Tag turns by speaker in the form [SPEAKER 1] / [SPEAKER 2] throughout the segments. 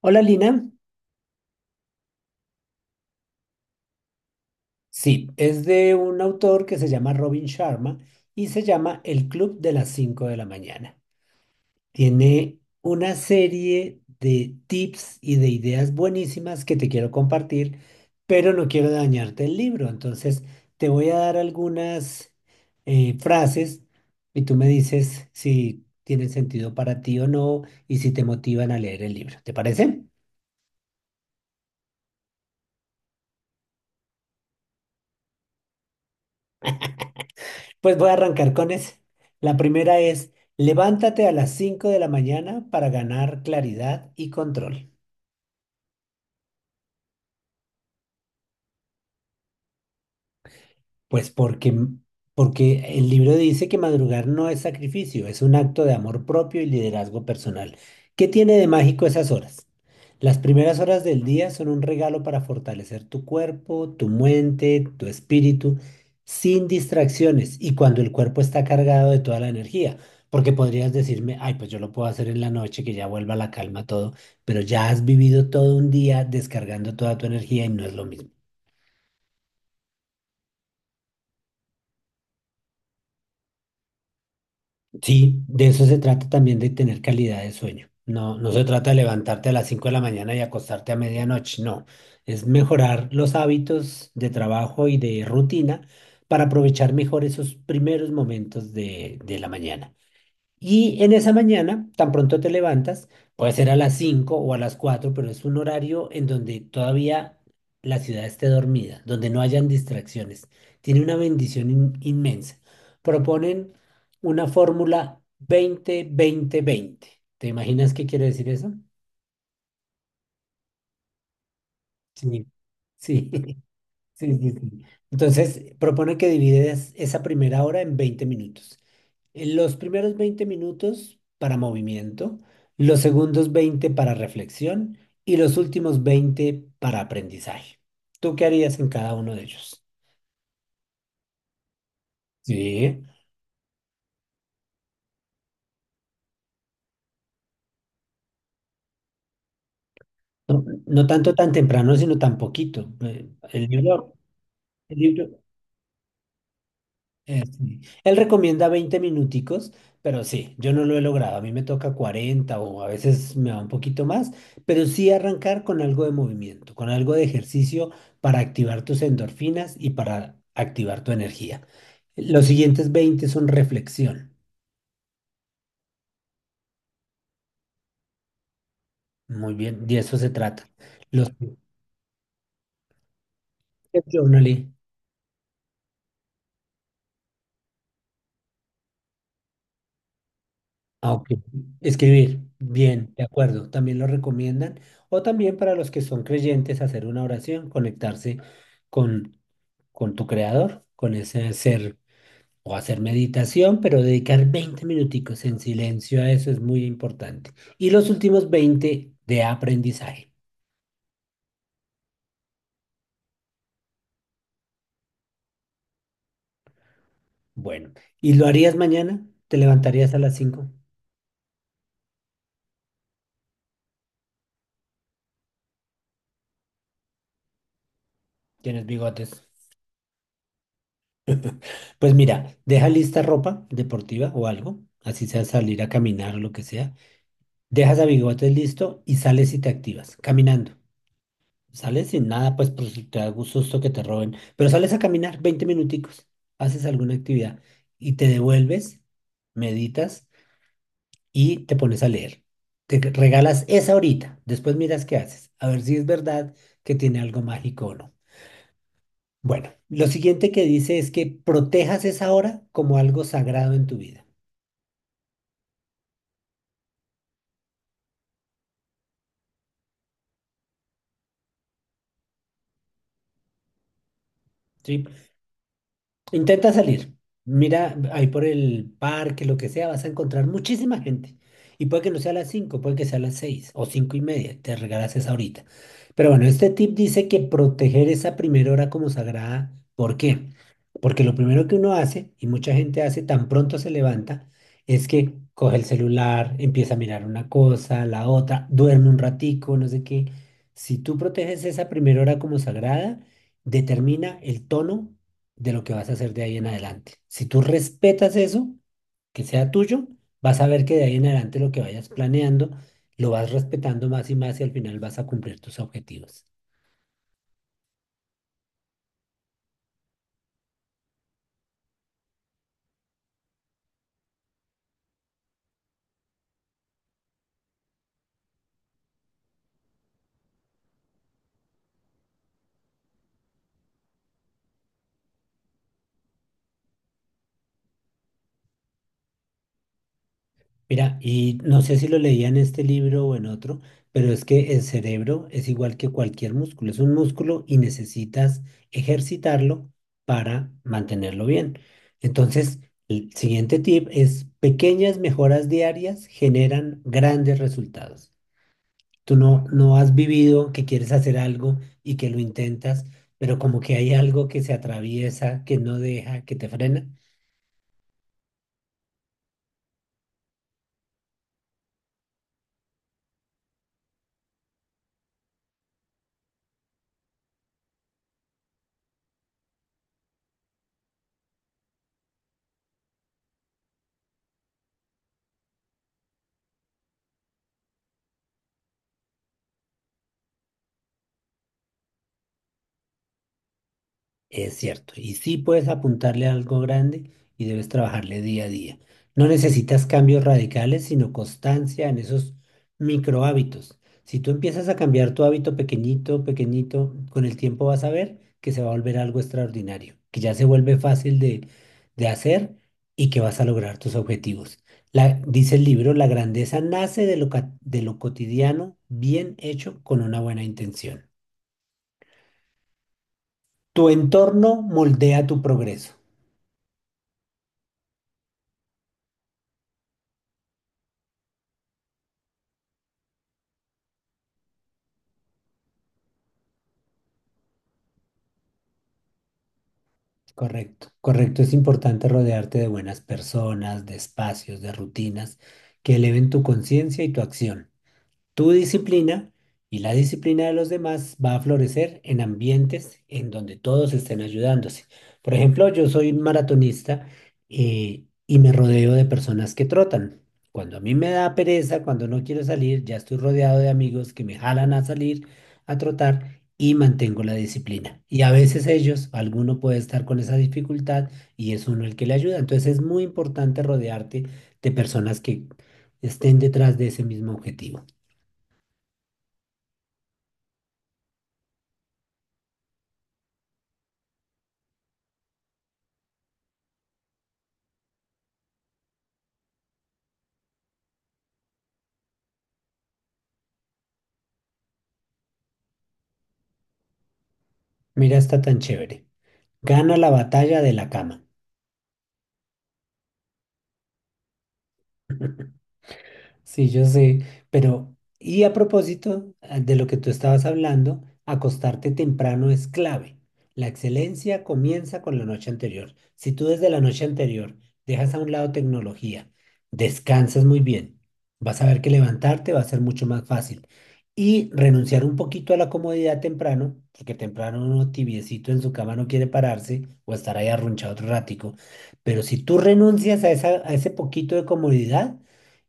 [SPEAKER 1] Hola Lina. Sí, es de un autor que se llama Robin Sharma y se llama El Club de las Cinco de la mañana. Tiene una serie de tips y de ideas buenísimas que te quiero compartir, pero no quiero dañarte el libro. Entonces, te voy a dar algunas frases y tú me dices si tienen sentido para ti o no y si te motivan a leer el libro. ¿Te parece? Pues voy a arrancar con ese. La primera es: levántate a las 5 de la mañana para ganar claridad y control. Pues porque el libro dice que madrugar no es sacrificio, es un acto de amor propio y liderazgo personal. ¿Qué tiene de mágico esas horas? Las primeras horas del día son un regalo para fortalecer tu cuerpo, tu mente, tu espíritu, sin distracciones y cuando el cuerpo está cargado de toda la energía. Porque podrías decirme: ay, pues yo lo puedo hacer en la noche, que ya vuelva la calma todo, pero ya has vivido todo un día descargando toda tu energía y no es lo mismo. Sí, de eso se trata también, de tener calidad de sueño. No, no se trata de levantarte a las 5 de la mañana y acostarte a medianoche, no. Es mejorar los hábitos de trabajo y de rutina para aprovechar mejor esos primeros momentos de la mañana. Y en esa mañana, tan pronto te levantas, puede ser a las 5 o a las 4, pero es un horario en donde todavía la ciudad esté dormida, donde no hayan distracciones. Tiene una bendición inmensa. Proponen una fórmula 20-20-20. ¿Te imaginas qué quiere decir eso? Sí, sí. Sí, sí, sí. Entonces, propone que divides esa primera hora en 20 minutos. En Los primeros 20 minutos para movimiento, los segundos 20 para reflexión y los últimos 20 para aprendizaje. ¿Tú qué harías en cada uno de ellos? Sí. No, no tanto tan temprano, sino tan poquito. El libro, sí. él recomienda 20 minuticos, pero sí, yo no lo he logrado. A mí me toca 40 o a veces me va un poquito más, pero sí arrancar con algo de movimiento, con algo de ejercicio para activar tus endorfinas y para activar tu energía. Los siguientes 20 son reflexión. Muy bien, de eso se trata. Los Journaling, ah, ok. Escribir, bien, de acuerdo, también lo recomiendan. O también para los que son creyentes, hacer una oración, conectarse con con tu creador, con ese ser, o hacer meditación, pero dedicar 20 minuticos en silencio a eso es muy importante. Y los últimos 20 de aprendizaje. Bueno, ¿y lo harías mañana? ¿Te levantarías a las 5? ¿Tienes bigotes? Pues mira, deja lista ropa deportiva o algo, así sea salir a caminar o lo que sea. Dejas a bigotes listo y sales y te activas caminando. Sales sin nada, pues, por si te da gusto que te roben, pero sales a caminar 20 minuticos, haces alguna actividad y te devuelves, meditas y te pones a leer. Te regalas esa horita, después miras qué haces, a ver si es verdad que tiene algo mágico o no. Bueno, lo siguiente que dice es que protejas esa hora como algo sagrado en tu vida. ¿Sí? Intenta salir. Mira, ahí por el parque, lo que sea, vas a encontrar muchísima gente. Y puede que no sea a las 5, puede que sea a las 6 o 5:30. Te regalas esa horita. Pero bueno, este tip dice que proteger esa primera hora como sagrada. ¿Por qué? Porque lo primero que uno hace, y mucha gente hace tan pronto se levanta, es que coge el celular, empieza a mirar una cosa, la otra, duerme un ratico, no sé qué. Si tú proteges esa primera hora como sagrada, determina el tono de lo que vas a hacer de ahí en adelante. Si tú respetas eso, que sea tuyo, vas a ver que de ahí en adelante lo que vayas planeando, lo vas respetando más y más y al final vas a cumplir tus objetivos. Mira, y no sé si lo leía en este libro o en otro, pero es que el cerebro es igual que cualquier músculo, es un músculo y necesitas ejercitarlo para mantenerlo bien. Entonces, el siguiente tip es: pequeñas mejoras diarias generan grandes resultados. Tú no has vivido que quieres hacer algo y que lo intentas, pero como que hay algo que se atraviesa, que no deja, que te frena. Es cierto, y sí puedes apuntarle a algo grande y debes trabajarle día a día. No necesitas cambios radicales, sino constancia en esos micro hábitos. Si tú empiezas a cambiar tu hábito pequeñito, pequeñito, con el tiempo vas a ver que se va a volver algo extraordinario, que ya se vuelve fácil de hacer y que vas a lograr tus objetivos. Dice el libro: la grandeza nace de lo cotidiano bien hecho con una buena intención. Tu entorno moldea tu progreso. Correcto, correcto. Es importante rodearte de buenas personas, de espacios, de rutinas que eleven tu conciencia y tu acción. Tu disciplina y la disciplina de los demás va a florecer en ambientes en donde todos estén ayudándose. Por ejemplo, yo soy un maratonista y me rodeo de personas que trotan. Cuando a mí me da pereza, cuando no quiero salir, ya estoy rodeado de amigos que me jalan a salir a trotar y mantengo la disciplina. Y a veces ellos, alguno puede estar con esa dificultad y es uno el que le ayuda. Entonces es muy importante rodearte de personas que estén detrás de ese mismo objetivo. Mira, está tan chévere. Gana la batalla de la cama. Sí, yo sé, pero, y a propósito de lo que tú estabas hablando, acostarte temprano es clave. La excelencia comienza con la noche anterior. Si tú desde la noche anterior dejas a un lado tecnología, descansas muy bien, vas a ver que levantarte va a ser mucho más fácil. Y renunciar un poquito a la comodidad temprano, porque temprano uno tibiecito en su cama no quiere pararse o estar ahí arrunchado otro ratico. Pero si tú renuncias a ese poquito de comodidad,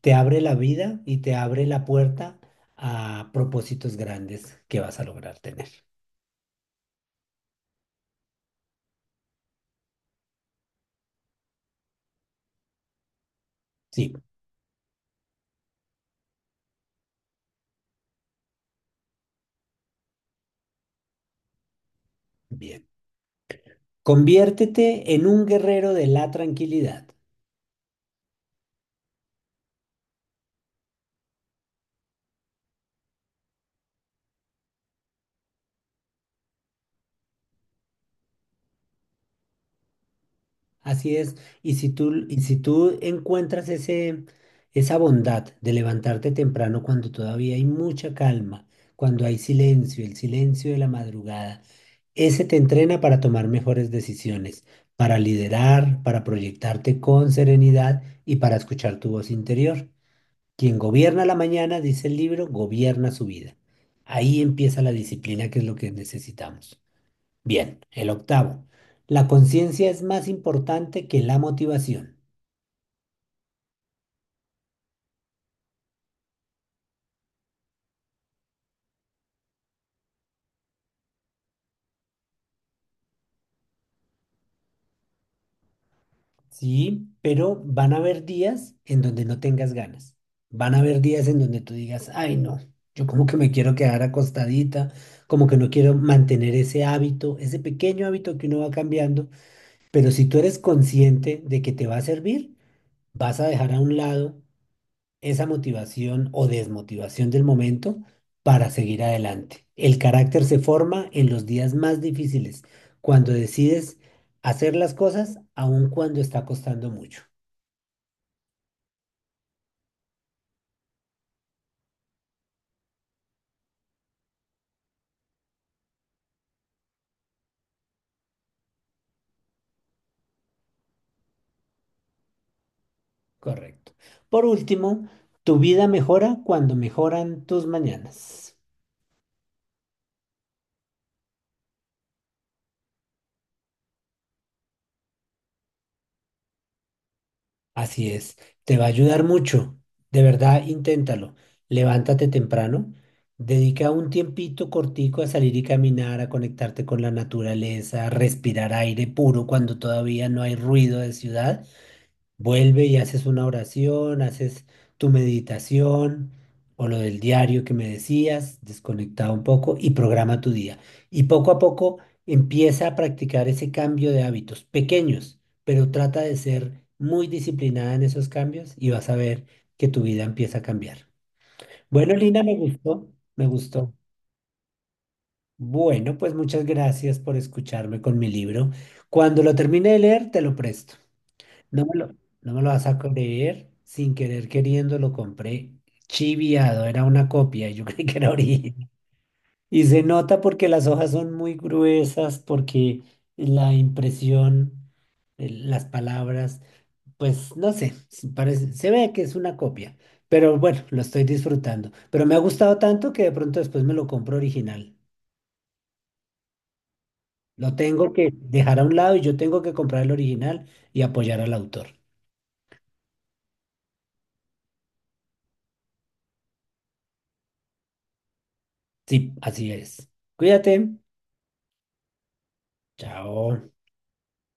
[SPEAKER 1] te abre la vida y te abre la puerta a propósitos grandes que vas a lograr tener. Sí, bien. Conviértete en un guerrero de la tranquilidad. Así es. Y si tú encuentras esa bondad de levantarte temprano cuando todavía hay mucha calma, cuando hay silencio, el silencio de la madrugada, ese te entrena para tomar mejores decisiones, para liderar, para proyectarte con serenidad y para escuchar tu voz interior. Quien gobierna la mañana, dice el libro, gobierna su vida. Ahí empieza la disciplina, que es lo que necesitamos. Bien, el octavo: la conciencia es más importante que la motivación. ¿Sí? Pero van a haber días en donde no tengas ganas. Van a haber días en donde tú digas: ay, no, yo como que me quiero quedar acostadita, como que no quiero mantener ese hábito, ese pequeño hábito que uno va cambiando. Pero si tú eres consciente de que te va a servir, vas a dejar a un lado esa motivación o desmotivación del momento para seguir adelante. El carácter se forma en los días más difíciles, cuando decides hacer las cosas, aun cuando está costando mucho. Correcto. Por último, tu vida mejora cuando mejoran tus mañanas. Así es, te va a ayudar mucho. De verdad, inténtalo. Levántate temprano, dedica un tiempito cortico a salir y caminar, a conectarte con la naturaleza, a respirar aire puro cuando todavía no hay ruido de ciudad. Vuelve y haces una oración, haces tu meditación o lo del diario que me decías, desconectado un poco y programa tu día. Y poco a poco empieza a practicar ese cambio de hábitos pequeños, pero trata de ser muy disciplinada en esos cambios y vas a ver que tu vida empieza a cambiar. Bueno, Lina, me gustó, me gustó. Bueno, pues muchas gracias por escucharme con mi libro. Cuando lo termine de leer, te lo presto. No me lo, no me lo vas a creer. Sin querer queriendo lo compré chiviado. Era una copia. Yo creí que era original. Y se nota porque las hojas son muy gruesas, porque la impresión, las palabras, pues no sé, se parece, se ve que es una copia. Pero bueno, lo estoy disfrutando. Pero me ha gustado tanto que de pronto después me lo compro original. Lo tengo que dejar a un lado y yo tengo que comprar el original y apoyar al autor. Sí, así es. Cuídate. Chao.